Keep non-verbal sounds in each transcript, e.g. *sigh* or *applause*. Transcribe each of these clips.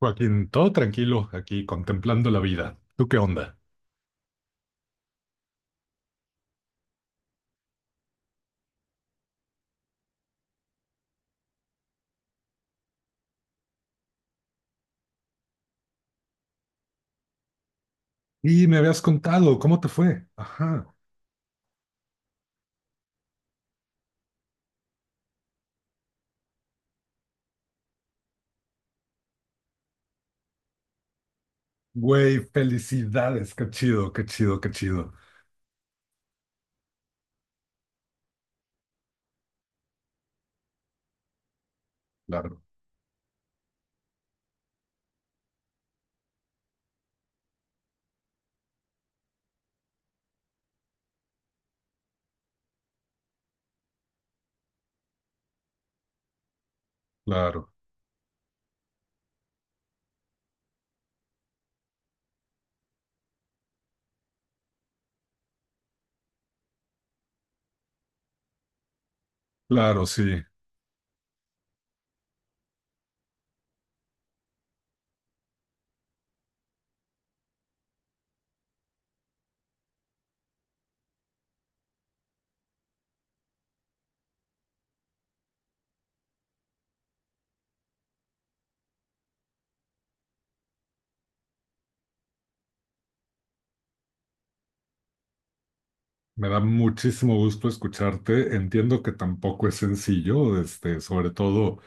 Joaquín, todo tranquilo aquí contemplando la vida. ¿Tú qué onda? Y me habías contado, ¿cómo te fue? Ajá. Güey, felicidades, qué chido, qué chido, qué chido. Claro, claro, claro, sí. Me da muchísimo gusto escucharte. Entiendo que tampoco es sencillo, sobre todo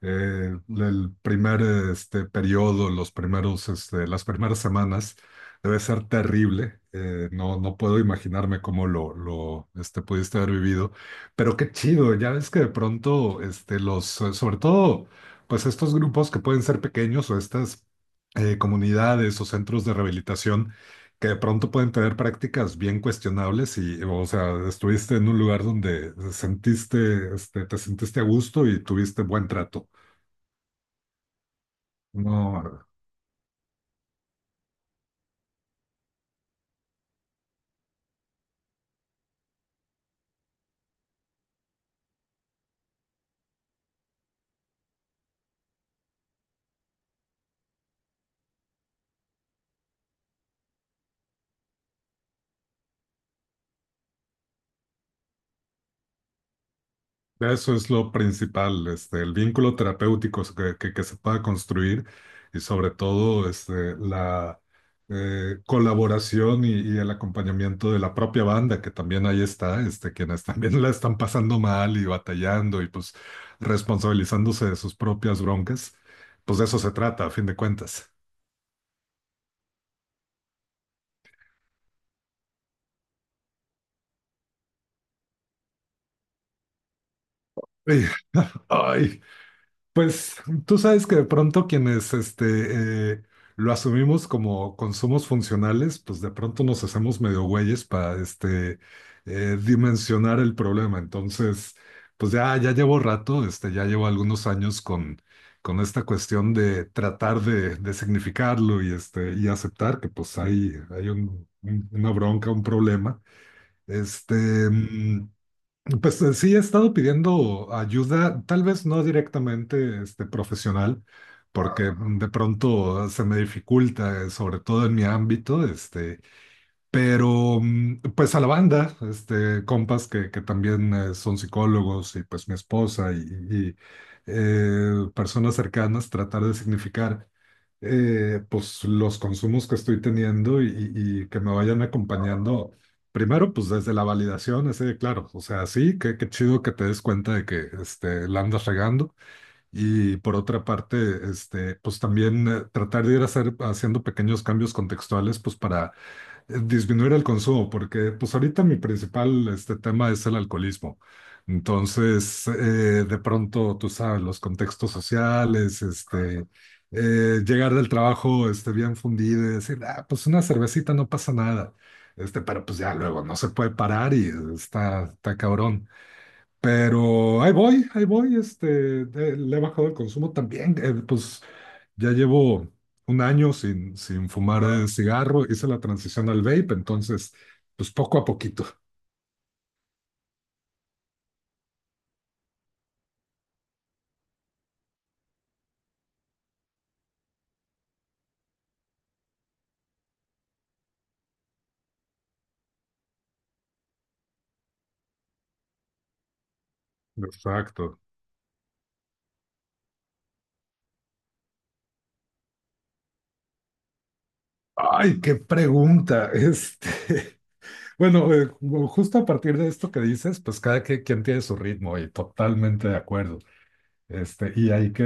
el primer periodo, los primeros, las primeras semanas, debe ser terrible. No, puedo imaginarme cómo lo pudiste haber vivido, pero qué chido, ya ves que de pronto, este, los, sobre todo, pues estos grupos que pueden ser pequeños o estas comunidades o centros de rehabilitación que de pronto pueden tener prácticas bien cuestionables y, o sea, estuviste en un lugar donde sentiste, este, te sentiste a gusto y tuviste buen trato. No, eso es lo principal, este, el vínculo terapéutico que se pueda construir y sobre todo este, la colaboración y el acompañamiento de la propia banda, que también ahí está, este, quienes *laughs* también la están pasando mal y batallando y pues responsabilizándose de sus propias broncas, pues de eso se trata, a fin de cuentas. *laughs* Ay, ay. Pues tú sabes que de pronto quienes este, lo asumimos como consumos funcionales, pues de pronto nos hacemos medio güeyes para este, dimensionar el problema. Entonces, pues ya llevo rato, este, ya llevo algunos años con esta cuestión de tratar de significarlo y, este, y aceptar que pues hay una bronca, un problema. Este, mm, pues sí, he estado pidiendo ayuda, tal vez no directamente este, profesional, porque de pronto se me dificulta, sobre todo en mi ámbito, este, pero pues a la banda, este, compas que también son psicólogos y pues mi esposa y personas cercanas, tratar de significar pues los consumos que estoy teniendo y que me vayan acompañando. Primero, pues desde la validación, así de claro, o sea, sí, qué, qué chido que te des cuenta de que este, la andas regando. Y por otra parte, este, pues también tratar de haciendo pequeños cambios contextuales, pues para disminuir el consumo, porque pues ahorita mi principal este tema es el alcoholismo. Entonces, de pronto, tú sabes, los contextos sociales, este, llegar del trabajo este, bien fundido y decir, ah, pues una cervecita no pasa nada. Este, pero pues ya luego no se puede parar y está, está cabrón. Pero ahí voy, este, le he bajado el consumo también. Pues ya llevo un año sin, sin fumar cigarro, hice la transición al vape, entonces, pues poco a poquito. Exacto. Ay, qué pregunta. Este, *laughs* bueno, justo a partir de esto que dices, pues quien tiene su ritmo y totalmente de acuerdo. Este, y hay que,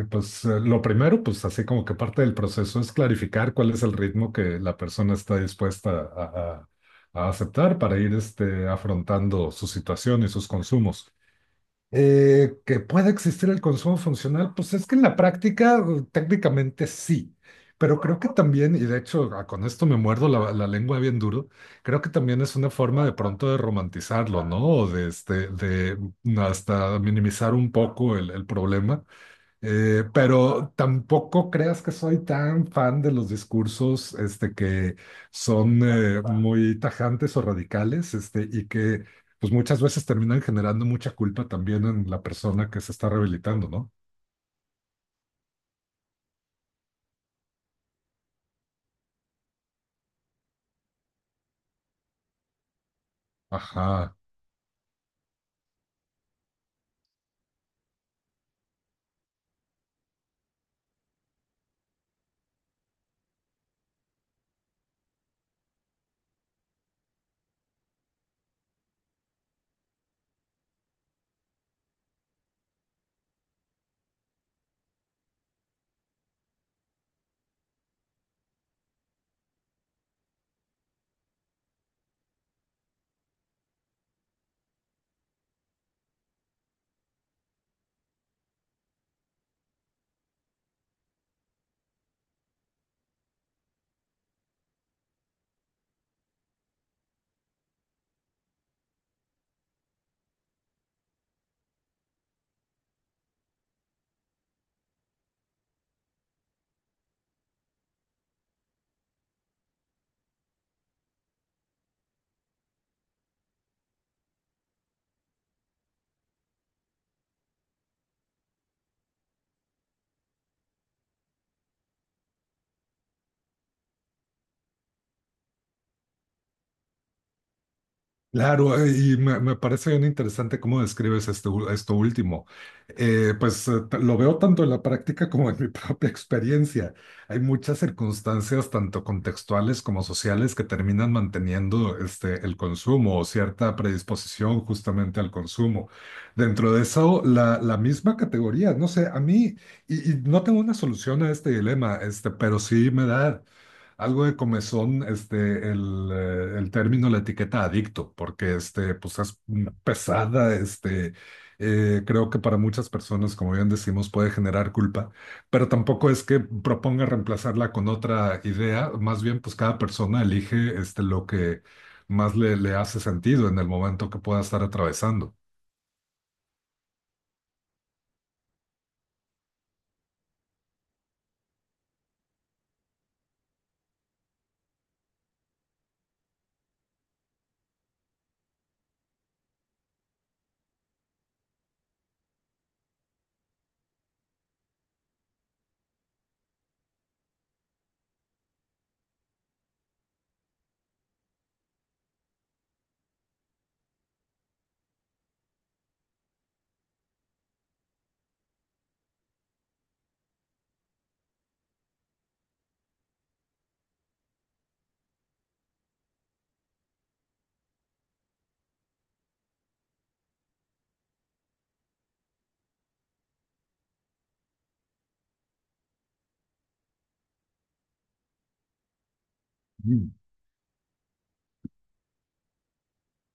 pues lo primero, pues así como que parte del proceso es clarificar cuál es el ritmo que la persona está dispuesta a aceptar para ir este, afrontando su situación y sus consumos. Que pueda existir el consumo funcional, pues es que en la práctica técnicamente sí, pero creo que también, y de hecho con esto me muerdo la, la lengua bien duro, creo que también es una forma de pronto de romantizarlo, ¿no? O de hasta minimizar un poco el problema, pero tampoco creas que soy tan fan de los discursos este, que son muy tajantes o radicales este, y que pues muchas veces terminan generando mucha culpa también en la persona que se está rehabilitando, ¿no? Ajá. Claro, y me parece bien interesante cómo describes esto último. Lo veo tanto en la práctica como en mi *laughs* propia experiencia. Hay muchas circunstancias, tanto contextuales como sociales, que terminan manteniendo este, el consumo o cierta predisposición justamente al consumo. Dentro de eso, la misma categoría, no sé, a mí, y no tengo una solución a este dilema, este, pero sí me da... Algo de comezón, este, el término, la etiqueta adicto, porque este, pues es pesada, este, creo que para muchas personas, como bien decimos, puede generar culpa, pero tampoco es que proponga reemplazarla con otra idea, más bien pues cada persona elige este, lo que más le, le hace sentido en el momento que pueda estar atravesando.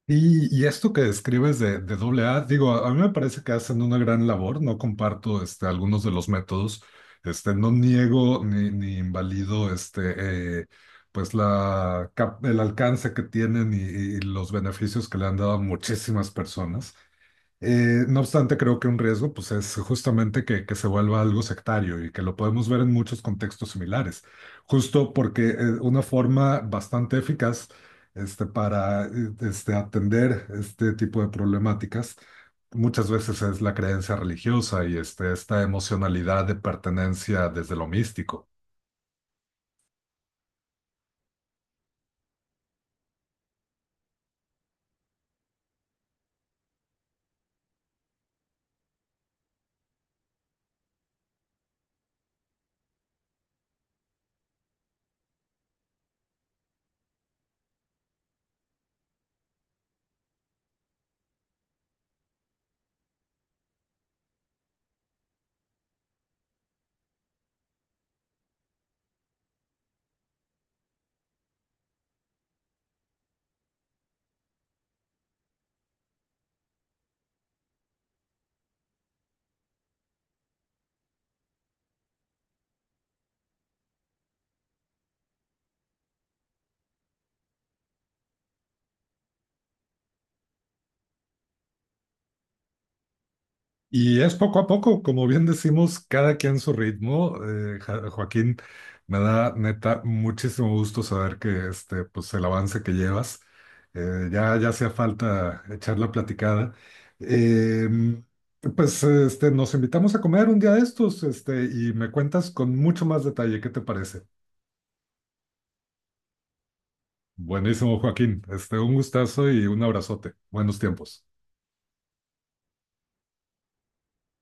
Y esto que describes de doble A, digo, a mí me parece que hacen una gran labor, no comparto este, algunos de los métodos, este, no niego ni, ni invalido este, pues la, el alcance que tienen y los beneficios que le han dado a muchísimas personas, no obstante, creo que un riesgo pues, es justamente que se vuelva algo sectario y que lo podemos ver en muchos contextos similares, justo porque una forma bastante eficaz este, para este, atender este tipo de problemáticas muchas veces es la creencia religiosa y este, esta emocionalidad de pertenencia desde lo místico. Y es poco a poco, como bien decimos, cada quien su ritmo. Joaquín, me da neta muchísimo gusto saber que este, pues el avance que llevas, ya hacía falta echar la platicada. Eh, pues este, nos invitamos a comer un día de estos, este, y me cuentas con mucho más detalle, ¿qué te parece? Buenísimo, Joaquín. Este, un gustazo y un abrazote. Buenos tiempos.